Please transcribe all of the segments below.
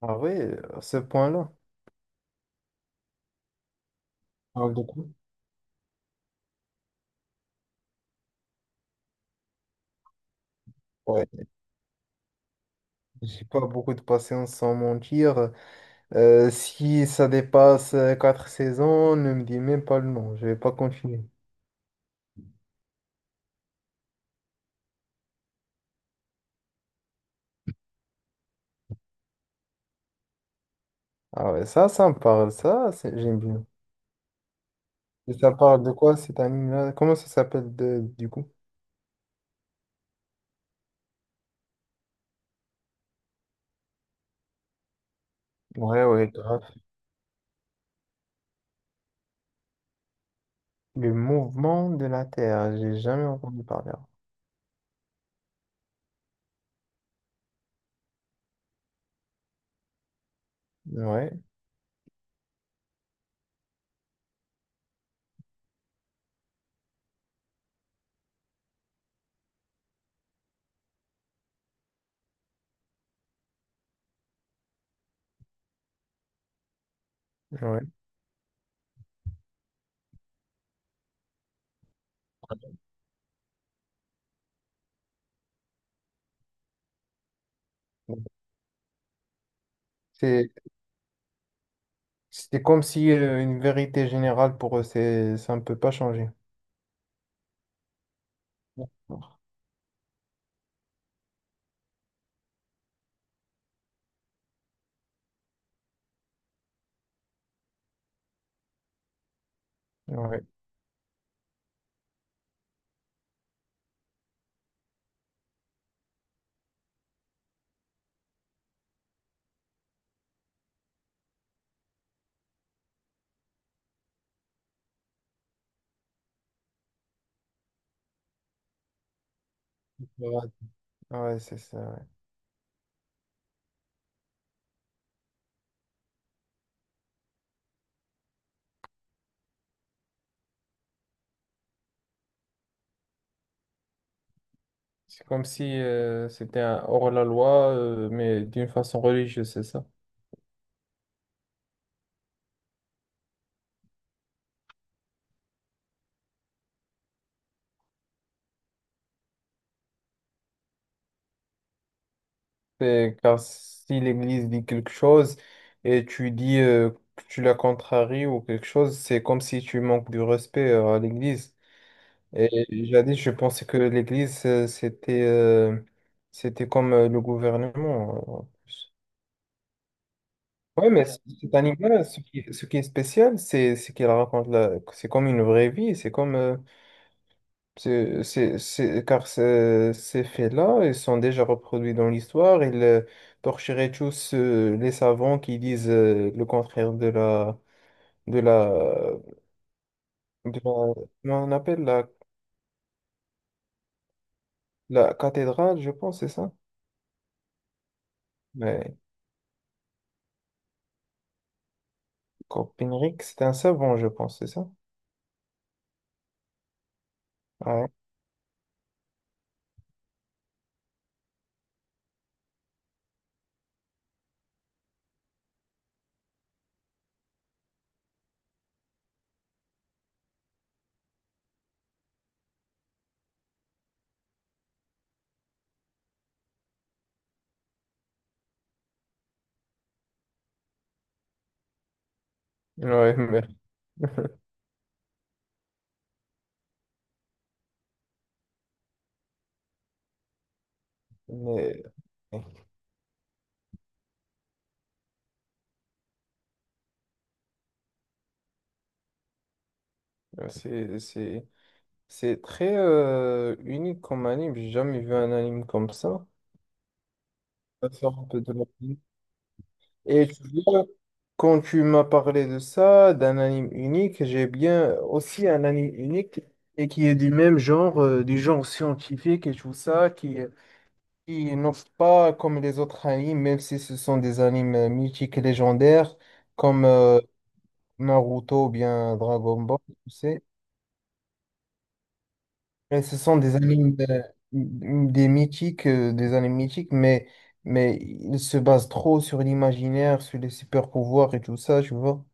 Ah ouais, à ce point-là. Ah, beaucoup. Ouais. J'ai pas beaucoup de patience sans mentir. Si ça dépasse quatre saisons, ne me dis même pas le nom, je vais pas continuer. Ah ouais, ça me parle, ça, j'aime bien. Et ça parle de quoi cet anime-là? Comment ça s'appelle du coup? Ouais, ouais, grave. Le mouvement de la Terre, j'ai jamais entendu parler. Ouais, ouais. C'est, c'est comme si une vérité générale pour eux, ça ne peut pas changer. Ouais. Ouais, c'est ça, ouais. C'est comme si c'était un hors-la-loi, mais d'une façon religieuse, c'est ça. C'est- car si l'Église dit quelque chose et tu dis que tu la contraries ou quelque chose, c'est comme si tu manques du respect à l'Église. Et jadis, je pensais que l'Église, c'était c'était comme le gouvernement, en plus. Ouais, mais cet animal, ce qui est spécial, c'est qu'il raconte c'est comme une vraie vie, c'est comme... c'est, c'est- car ces faits-là, ils sont déjà reproduits dans l'histoire. Ils torcheraient tous les savants qui disent le contraire de la, de la, comment on appelle la, la cathédrale, je pense, c'est ça? Mais Copernic, c'est un savant, je pense, c'est ça? Ouais, ouais, mais, mais euh, c'est, c'est, c'est très unique comme anime. J'ai jamais vu un anime comme ça. Ça sort un peu de l'ordinaire. Et tu vois, quand tu m'as parlé de ça, d'un anime unique, j'ai bien aussi un anime unique et qui est du même genre, du genre scientifique et tout ça, qui n'offre pas comme les autres animes, même si ce sont des animes mythiques et légendaires, comme Naruto ou bien Dragon Ball, tu sais. Et ce sont des animes, des mythiques, des animes mythiques, mais ils se basent trop sur l'imaginaire, sur les super pouvoirs et tout ça, tu vois.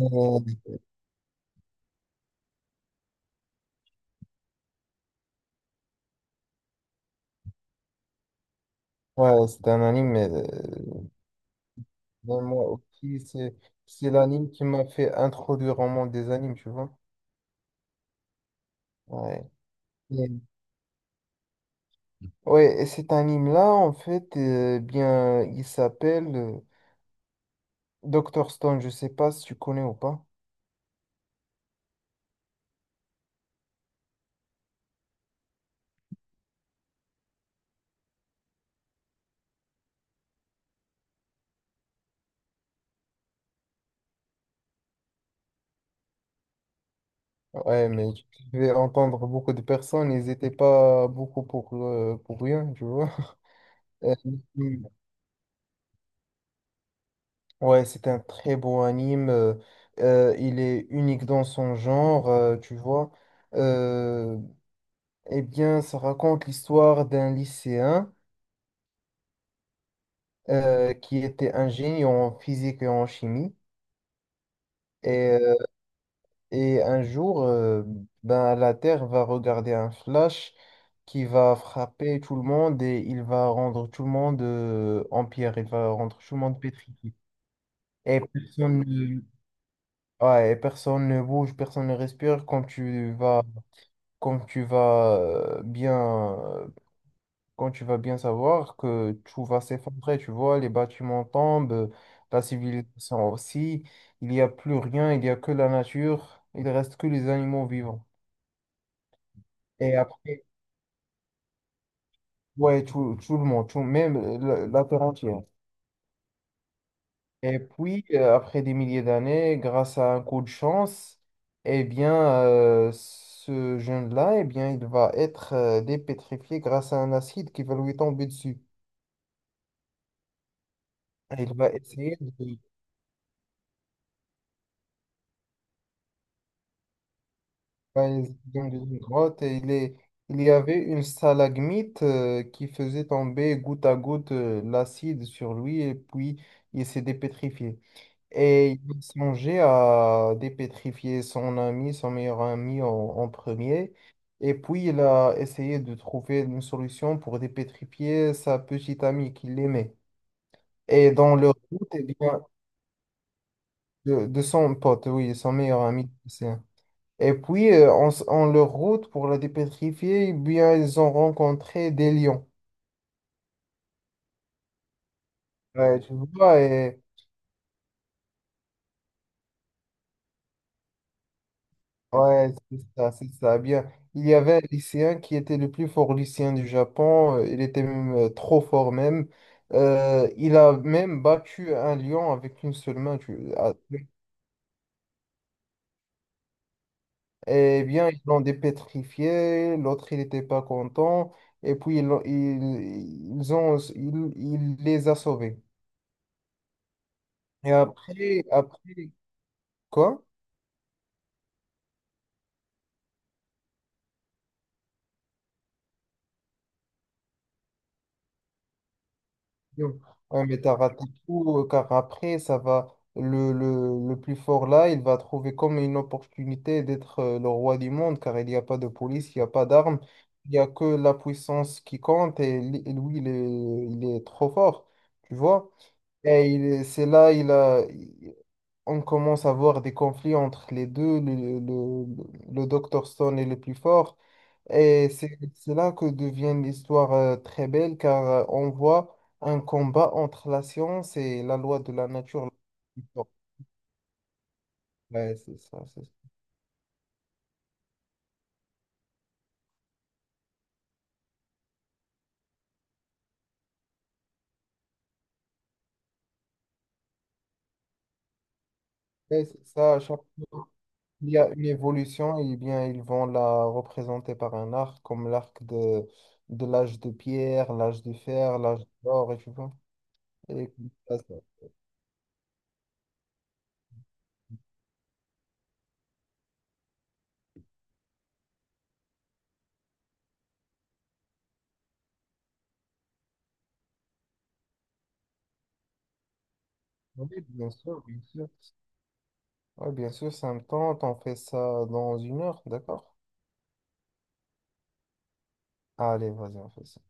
Euh, Ouais, c'est un anime, mais moi aussi, c'est l'anime qui m'a fait introduire au monde des animes, tu vois. Ouais. Et- Ouais, et cet anime-là, en fait, bien, il s'appelle Dr. Stone, je sais pas si tu connais ou pas. Ouais, mais je vais entendre beaucoup de personnes, ils n'étaient pas beaucoup pour rien, tu vois. Euh, Mm. Ouais, c'est un très beau anime, il est unique dans son genre, tu vois. Euh, Eh bien, ça raconte l'histoire d'un lycéen qui était ingénieur en physique et en chimie. Et, un jour, ben, la Terre va regarder un flash qui va frapper tout le monde et il va rendre tout le monde en pierre, il va rendre tout le monde pétrifié. Et personne ne, ouais, et personne ne bouge, personne ne respire quand tu vas bien quand tu vas bien savoir que tout va s'effondrer, tu vois, les bâtiments tombent, la civilisation aussi, il n'y a plus rien, il n'y a que la nature, il reste que les animaux vivants. Et après, ouais, tout, tout le monde, tout, même la, la terre entière. Et puis, après des milliers d'années, grâce à un coup de chance, eh bien, ce jeune-là, eh bien, il va être dépétrifié grâce à un acide qui va lui tomber dessus. Et il va essayer de. Ouais, dans une grotte et il y avait une stalagmite qui faisait tomber goutte à goutte l'acide sur lui et puis il s'est dépétrifié. Et il songeait à dépétrifier son ami, son meilleur ami en premier. Et puis il a essayé de trouver une solution pour dépétrifier sa petite amie qu'il aimait. Et dans leur route, eh bien, de son pote, oui, son meilleur ami, c'est. Et puis, en leur route pour la dépétrifier, eh bien, ils ont rencontré des lions. Ouais, tu vois, et, ouais, c'est ça, c'est ça. Eh bien, il y avait un lycéen qui était le plus fort lycéen du Japon. Il était même trop fort même. Il a même battu un lion avec une seule main. Ah, eh bien, ils l'ont dépétrifié. L'autre, il n'était pas content. Et puis, ils, l'ont- ils ont, ils, il les a sauvés. Et après, après, quoi? Yo. Ouais, mais t'as raté tout, car après, ça va, le plus fort là, il va trouver comme une opportunité d'être le roi du monde, car il n'y a pas de police, il n'y a pas d'armes, il n'y a que la puissance qui compte, et lui, il est trop fort, tu vois. Et c'est là, on commence à voir des conflits entre les deux, le Dr. Stone est le plus fort. Et c'est là que devient l'histoire très belle car on voit un combat entre la science et la loi de la nature. Ouais, c'est ça, c'est ça. Ouais, c'est ça. Chaque fois qu'il y a une évolution, et bien, ils vont la représenter par un arc, comme l'arc de l'âge de pierre, l'âge de fer, l'âge d'or, et tu vois. Et comme ça, ça- Oui, bien sûr, bien sûr. Ouais, bien sûr, ça me tente. On fait ça dans une heure, d'accord? Allez, vas-y, on fait ça.